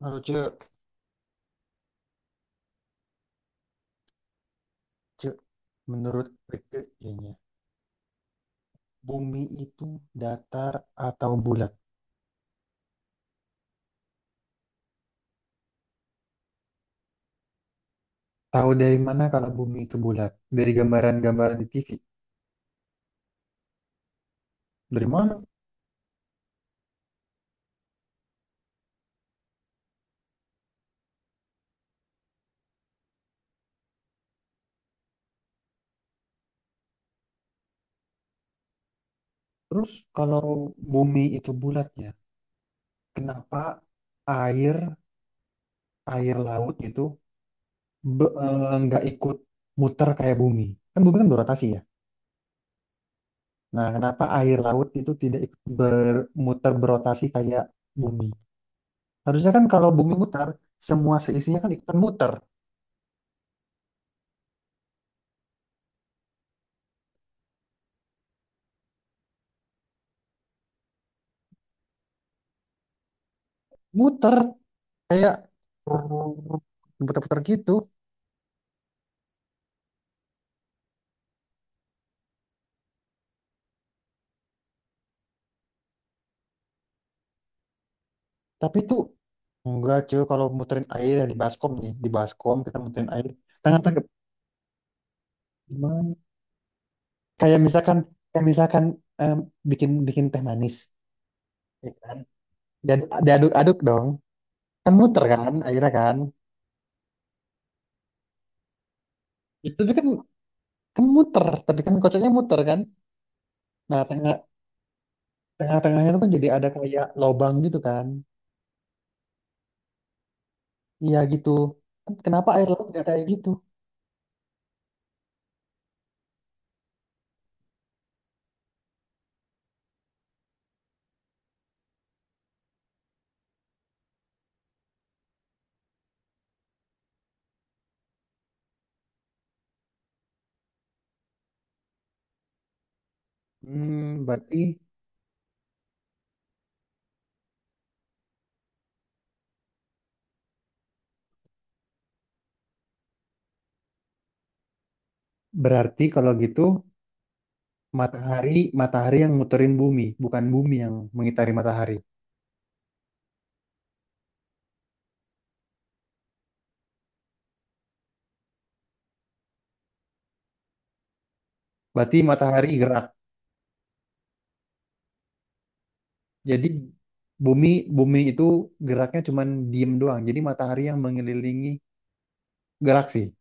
Lalu cek, cek. Menurut Rike kayaknya, bumi itu datar atau bulat? Tahu dari mana kalau bumi itu bulat? Dari gambaran-gambaran di TV. Dari mana? Terus kalau bumi itu bulat ya, kenapa air air laut itu nggak ikut muter kayak bumi? Kan bumi kan berotasi ya. Nah, kenapa air laut itu tidak ikut bermuter berotasi kayak bumi? Harusnya kan kalau bumi muter, semua seisinya kan ikutan muter. Muter, kayak putar-putar gitu. Tapi itu enggak cuy kalau muterin air ya di baskom nih, di baskom kita muterin air. Tangan tangan gimana? Kayak misalkan kayak misalkan em, bikin bikin teh manis, ya kan? Dan diaduk-aduk dong. Kan muter kan airnya kan. Itu dia kan kan muter, tapi kan kocoknya muter kan. Nah, tengah tengah-tengahnya itu kan jadi ada kayak lobang gitu kan. Iya gitu. Kenapa air laut nggak kayak gitu? Hmm, berarti berarti kalau gitu matahari yang muterin bumi, bukan bumi yang mengitari matahari. Berarti matahari gerak. Jadi bumi bumi itu geraknya cuman diem doang. Jadi matahari yang mengelilingi galaksi.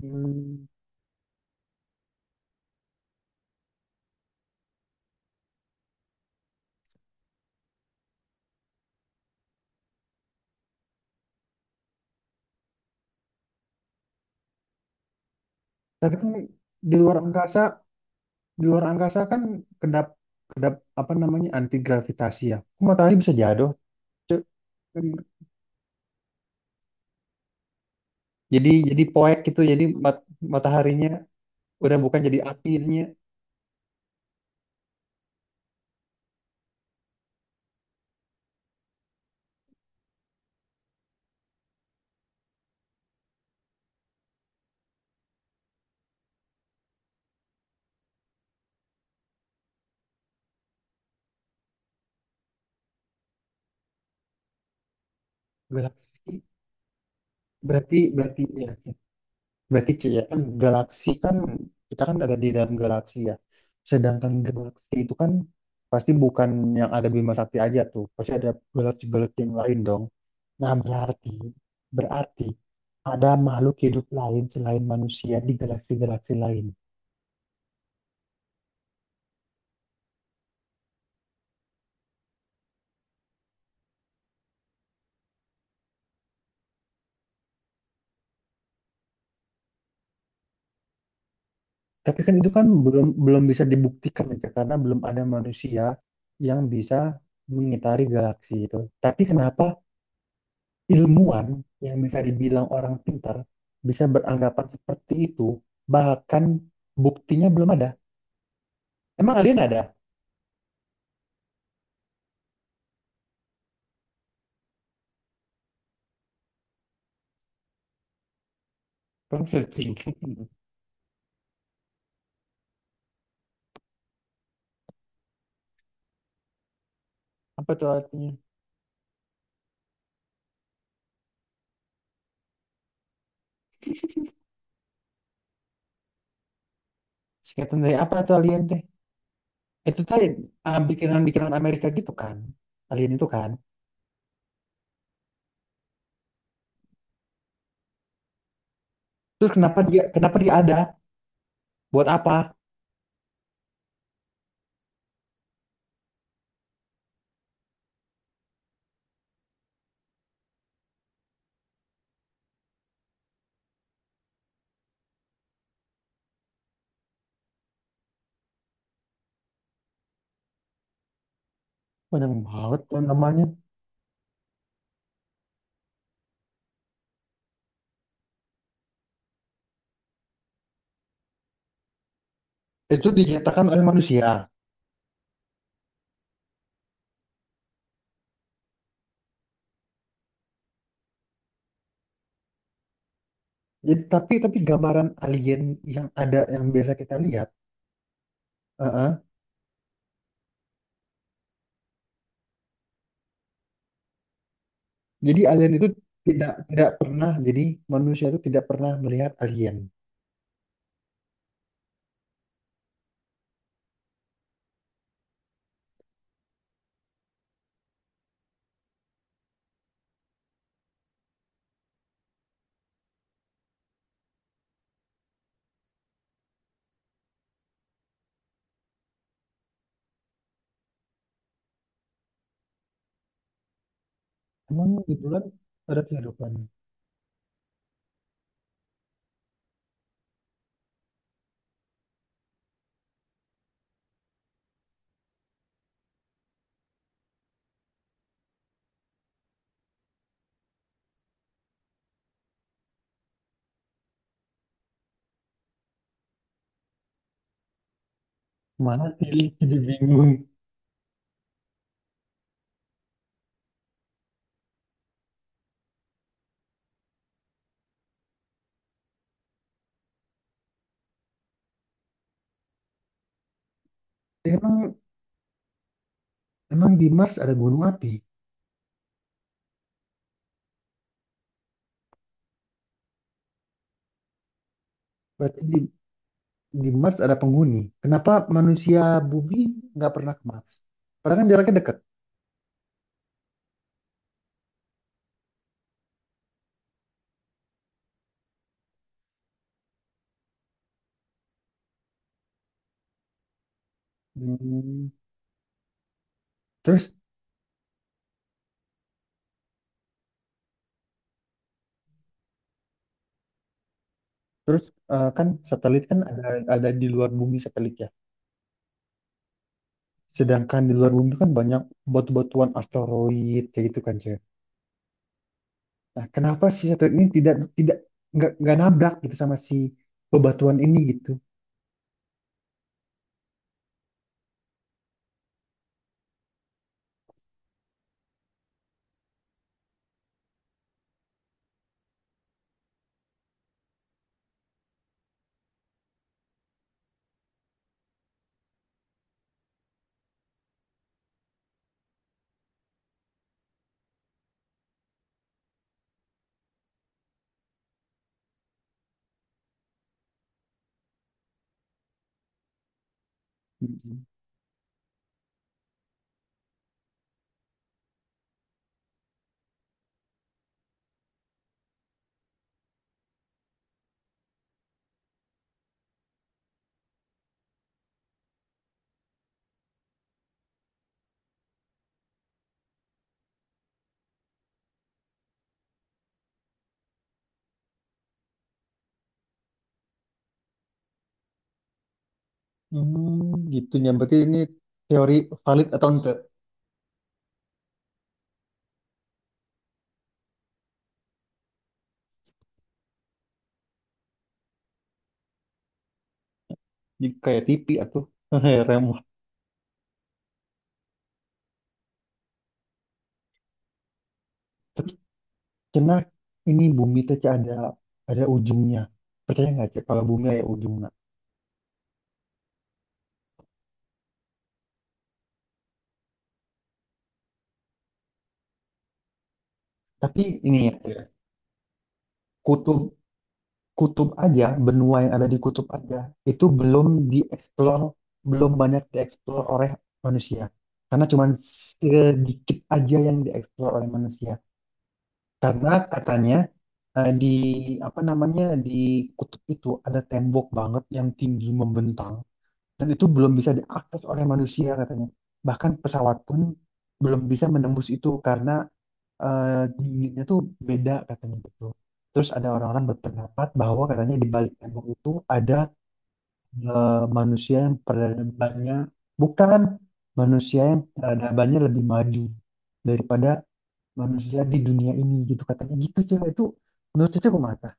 Hmm. Tapi kan di luar angkasa, di luar angkasa kan kedap kedap apa namanya anti gravitasi ya. Kok matahari bisa jatuh? Cuk, kan jadi poek gitu. Mataharinya udah bukan jadi apinya. Galaksi berarti berarti ya. Berarti C ya kan galaksi kan kita kan ada di dalam galaksi ya. Sedangkan galaksi itu kan pasti bukan yang ada Bima Sakti aja tuh. Pasti ada galaksi-galaksi yang lain dong. Nah, berarti berarti ada makhluk hidup lain selain manusia di galaksi-galaksi lain. Tapi kan itu kan belum belum bisa dibuktikan aja karena belum ada manusia yang bisa mengitari galaksi itu. Tapi kenapa ilmuwan yang bisa dibilang orang pintar bisa beranggapan seperti itu, bahkan buktinya belum ada. Emang alien ada? Kamu searching. Apa tuh artinya? Singkatan dari apa tuh alien teh? Itu tadi ah, bikinan-bikinan Amerika gitu kan. Alien itu kan. Terus kenapa dia ada? Buat apa? Banyak banget tuh namanya. Itu diciptakan oleh manusia. Jadi tapi gambaran alien yang ada yang biasa kita lihat, eh, eh, jadi alien itu tidak tidak pernah jadi manusia itu tidak pernah melihat alien. Emang di bulan ada kehidupan? Mana Tilly jadi bingung. Emang emang di Mars ada gunung api? Berarti di Mars ada penghuni. Kenapa manusia bumi nggak pernah ke Mars? Padahal kan jaraknya dekat. Hmm, terus terus kan satelit kan ada di luar bumi satelit ya. Sedangkan di luar bumi kan banyak batu-batuan asteroid kayak gitu kan Ce. Nah, kenapa si satelit ini tidak tidak nggak nabrak gitu sama si bebatuan ini gitu? Mm-mm. Hmm, gitu ya. Berarti ini teori valid atau enggak? Jadi kayak TV atau remote. Tapi karena ini bumi teh Cak, ada ujungnya. Percaya nggak Cak kalau bumi ada ujungnya? Tapi ini ya, Cak, kutub kutub aja, benua yang ada di kutub aja, itu belum dieksplor, belum banyak dieksplor oleh manusia. Karena cuman sedikit aja yang dieksplor oleh manusia. Karena katanya di apa namanya di kutub itu ada tembok banget yang tinggi membentang dan itu belum bisa diakses oleh manusia katanya. Bahkan pesawat pun belum bisa menembus itu karena eh, dinginnya tuh beda katanya gitu. Terus ada orang-orang berpendapat bahwa katanya di balik tembok itu ada eh, manusia yang peradabannya bukan manusia yang peradabannya lebih maju daripada manusia di dunia ini gitu katanya gitu cewek itu menurut cewek mata.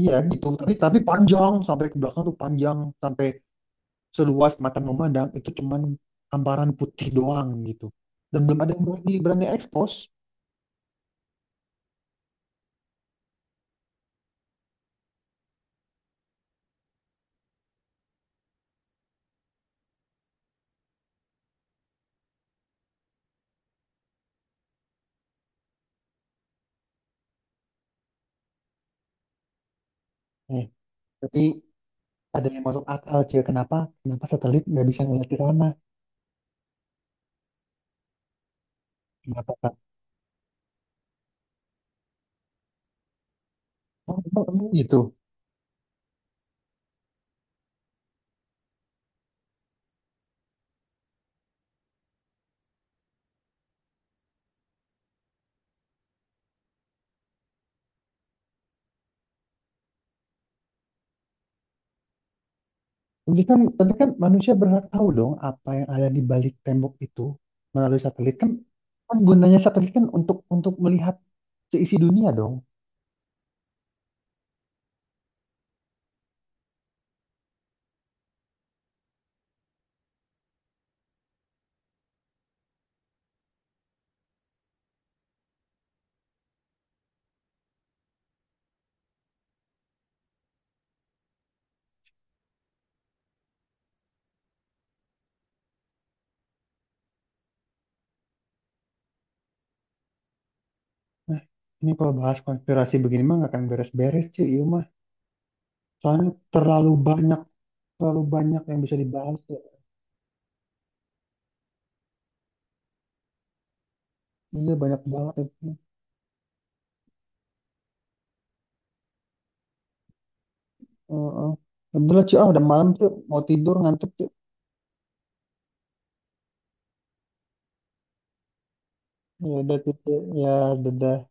Iya gitu tapi panjang sampai ke belakang tuh panjang sampai seluas mata memandang itu cuman hamparan putih doang gitu dan belum ada yang berani, berani expose. Eh, tapi ada yang masuk akal Cil kenapa kenapa satelit nggak bisa ngeliat ke sana kenapa Kak? Oh emang, emang gitu tapi kan manusia berhak tahu dong apa yang ada di balik tembok itu melalui satelit kan kan gunanya satelit kan untuk melihat seisi dunia dong. Nah ini kalau bahas konspirasi begini mah nggak akan beres-beres cuy iya mah soalnya terlalu banyak terlalu banyak yang bisa dibahas ya. Iya banyak banget itu. Heeh. Udah lah, cuy. Ah, udah malam, cuy. Mau tidur, ngantuk, cuy. Ya udah, cuy. Ya, dadah.